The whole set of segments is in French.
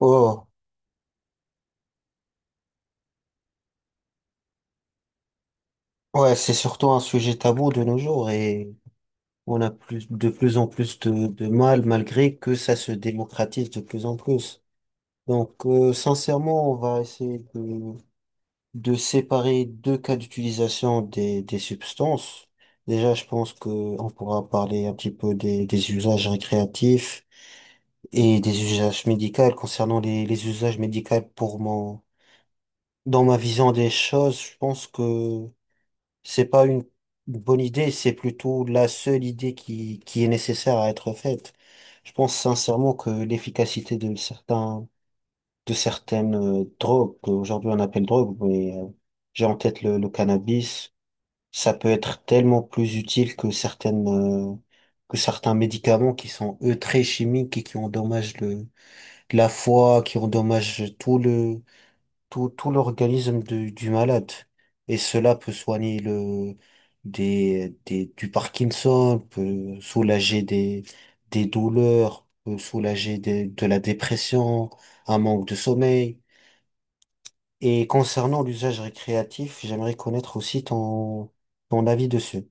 Oh, ouais, c'est surtout un sujet tabou de nos jours et on a plus, de plus en plus de mal malgré que ça se démocratise de plus en plus. Donc, sincèrement, on va essayer de séparer deux cas d'utilisation des substances. Déjà, je pense que on pourra parler un petit peu des usages récréatifs et des usages médicaux. Concernant les usages médicaux, dans ma vision des choses, je pense que c'est pas une bonne idée, c'est plutôt la seule idée qui est nécessaire à être faite. Je pense sincèrement que l'efficacité de de certaines drogues, qu'aujourd'hui on appelle drogue, mais j'ai en tête le cannabis, ça peut être tellement plus utile que certaines, euh, que certains médicaments qui sont eux très chimiques et qui endommagent la foi, qui endommagent tout l'organisme du malade. Et cela peut soigner du Parkinson, peut soulager des douleurs, peut soulager de la dépression, un manque de sommeil. Et concernant l'usage récréatif, j'aimerais connaître aussi ton avis dessus.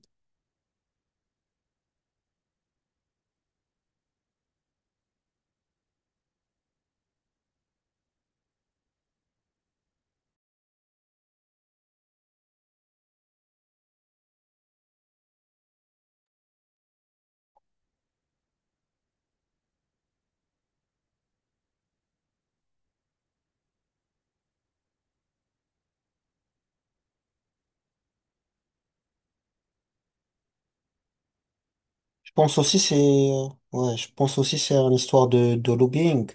Je pense aussi c'est, euh, ouais, je pense aussi c'est une histoire de lobbying.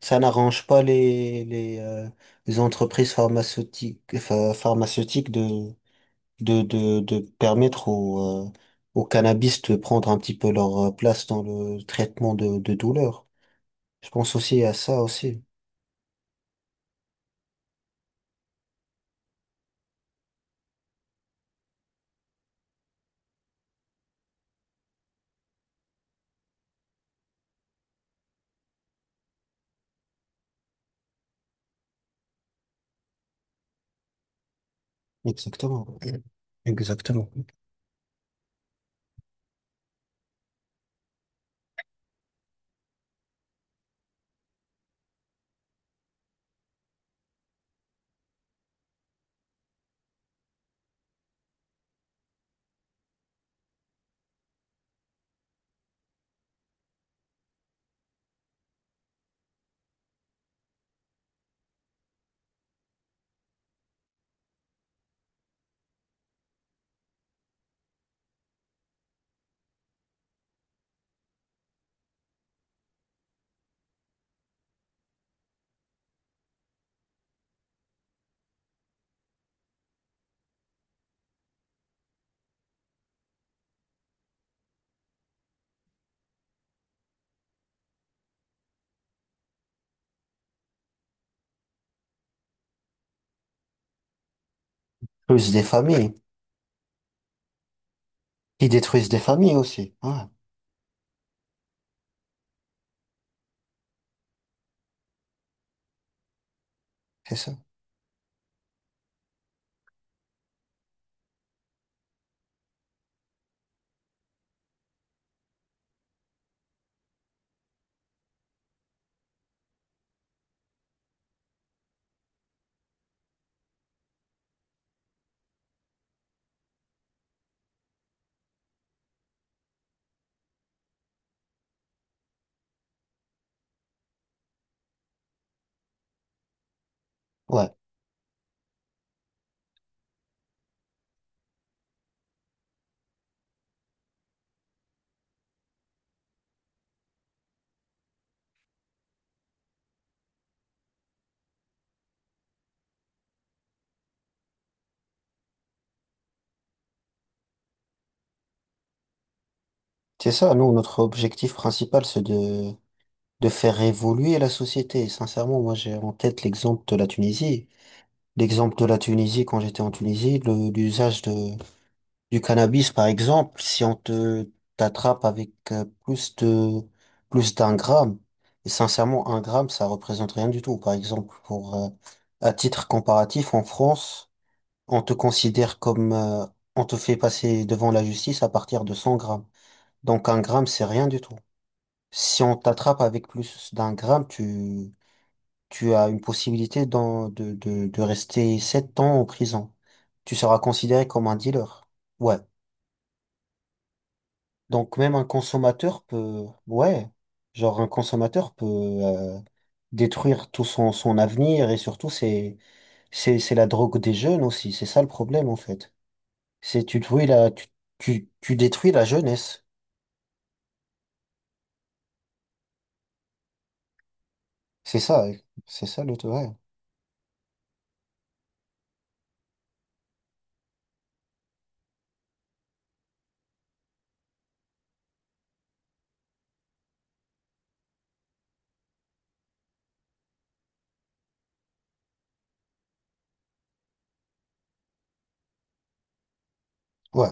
Ça n'arrange pas les entreprises pharmaceutiques de permettre aux cannabis de prendre un petit peu leur place dans le traitement de douleur. Je pense aussi à ça aussi. Exactement. Exactement. Plus des familles. Qui détruisent des familles aussi. Ouais, c'est ça. Ouais. C'est ça. Nous, notre objectif principal, c'est de faire évoluer la société. Et sincèrement, moi, j'ai en tête l'exemple de la Tunisie. L'exemple de la Tunisie, quand j'étais en Tunisie, l'usage du cannabis, par exemple, si on te t'attrape avec plus de plus d'un gramme, et sincèrement, un gramme, ça représente rien du tout. Par exemple, pour à titre comparatif, en France, on te considère comme on te fait passer devant la justice à partir de 100 grammes. Donc un gramme, c'est rien du tout. Si on t'attrape avec plus d'un gramme, tu as une possibilité de rester 7 ans en prison. Tu seras considéré comme un dealer. Ouais. Donc même un consommateur peut, ouais, genre un consommateur peut détruire tout son avenir et surtout c'est la drogue des jeunes aussi, c'est ça le problème en fait. C'est tu détruis la tu, tu, tu détruis la jeunesse. C'est ça, ouais. C'est ça le, ouais. Ouais.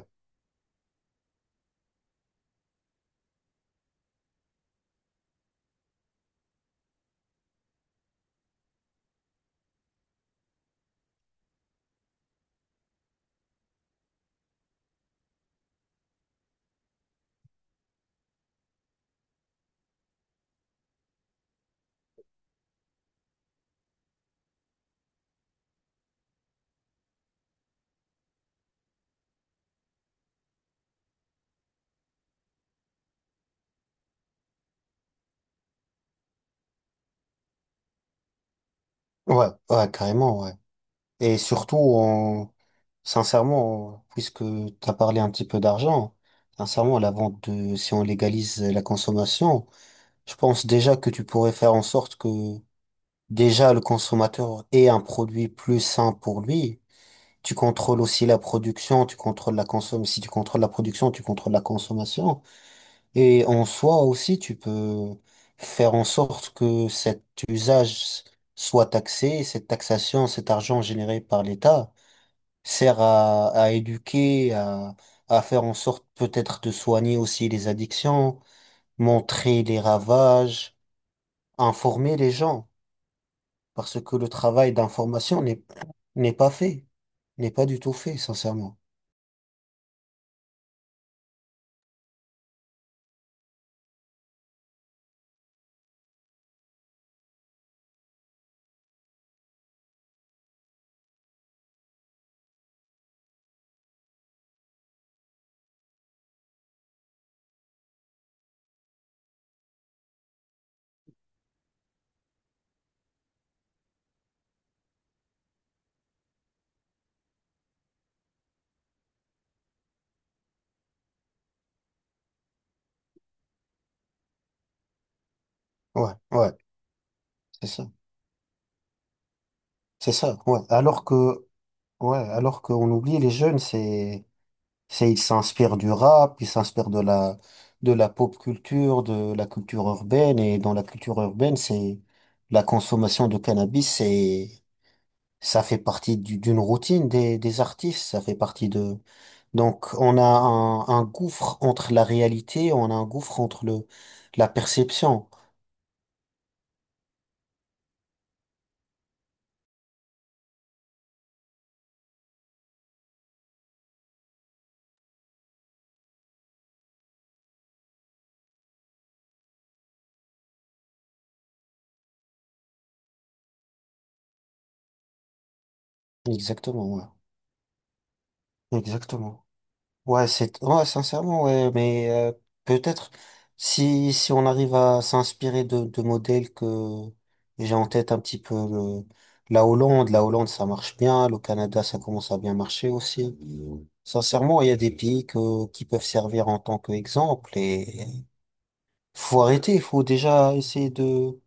Ouais, ouais, carrément ouais. Et surtout on sincèrement puisque tu as parlé un petit peu d'argent, sincèrement la vente de si on légalise la consommation, je pense déjà que tu pourrais faire en sorte que déjà, le consommateur est un produit plus sain pour lui. Tu contrôles aussi la production, tu contrôles la consommation. Si tu contrôles la production, tu contrôles la consommation. Et en soi aussi, tu peux faire en sorte que cet usage soit taxé, cette taxation, cet argent généré par l'État sert à éduquer, à faire en sorte peut-être de soigner aussi les addictions, montrer les ravages, informer les gens. Parce que le travail d'information n'est pas fait, n'est pas du tout fait, sincèrement. Ouais, ouais, c'est ça, c'est ça. Ouais. Alors que, ouais, alors qu'on oublie les jeunes, c'est ils s'inspirent du rap, ils s'inspirent de la pop culture, de la culture urbaine, et dans la culture urbaine, c'est la consommation de cannabis, c'est ça fait partie du- d'une routine des artistes, ça fait partie de. Donc, on a un gouffre entre la réalité, on a un gouffre entre la perception. Exactement, ouais. Exactement. Ouais, c'est, ouais, sincèrement, ouais, peut-être si on arrive à s'inspirer de modèles que j'ai en tête un petit peu la Hollande, ça marche bien, le Canada, ça commence à bien marcher aussi. Sincèrement, il y a des pays que, qui peuvent servir en tant qu'exemple et faut arrêter, il faut déjà essayer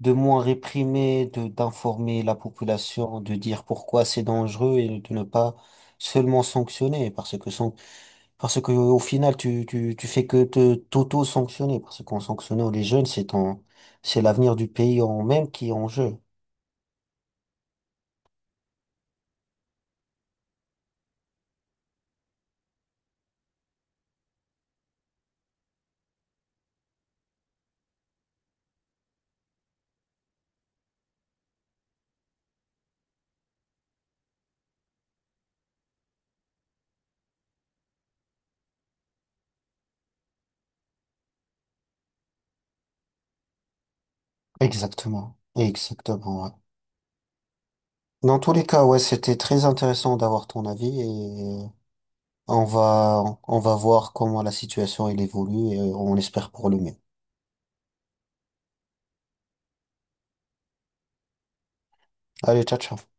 de moins réprimer, de d'informer la population, de dire pourquoi c'est dangereux et de ne pas seulement sanctionner parce que au final tu fais que te t'auto-sanctionner parce qu'en sanctionnant les jeunes c'est ton c'est l'avenir du pays en même qui est en jeu. Exactement. Exactement. Ouais. Dans tous les cas, ouais, c'était très intéressant d'avoir ton avis et on va voir comment la situation elle évolue et on espère pour le mieux. Allez, ciao, ciao.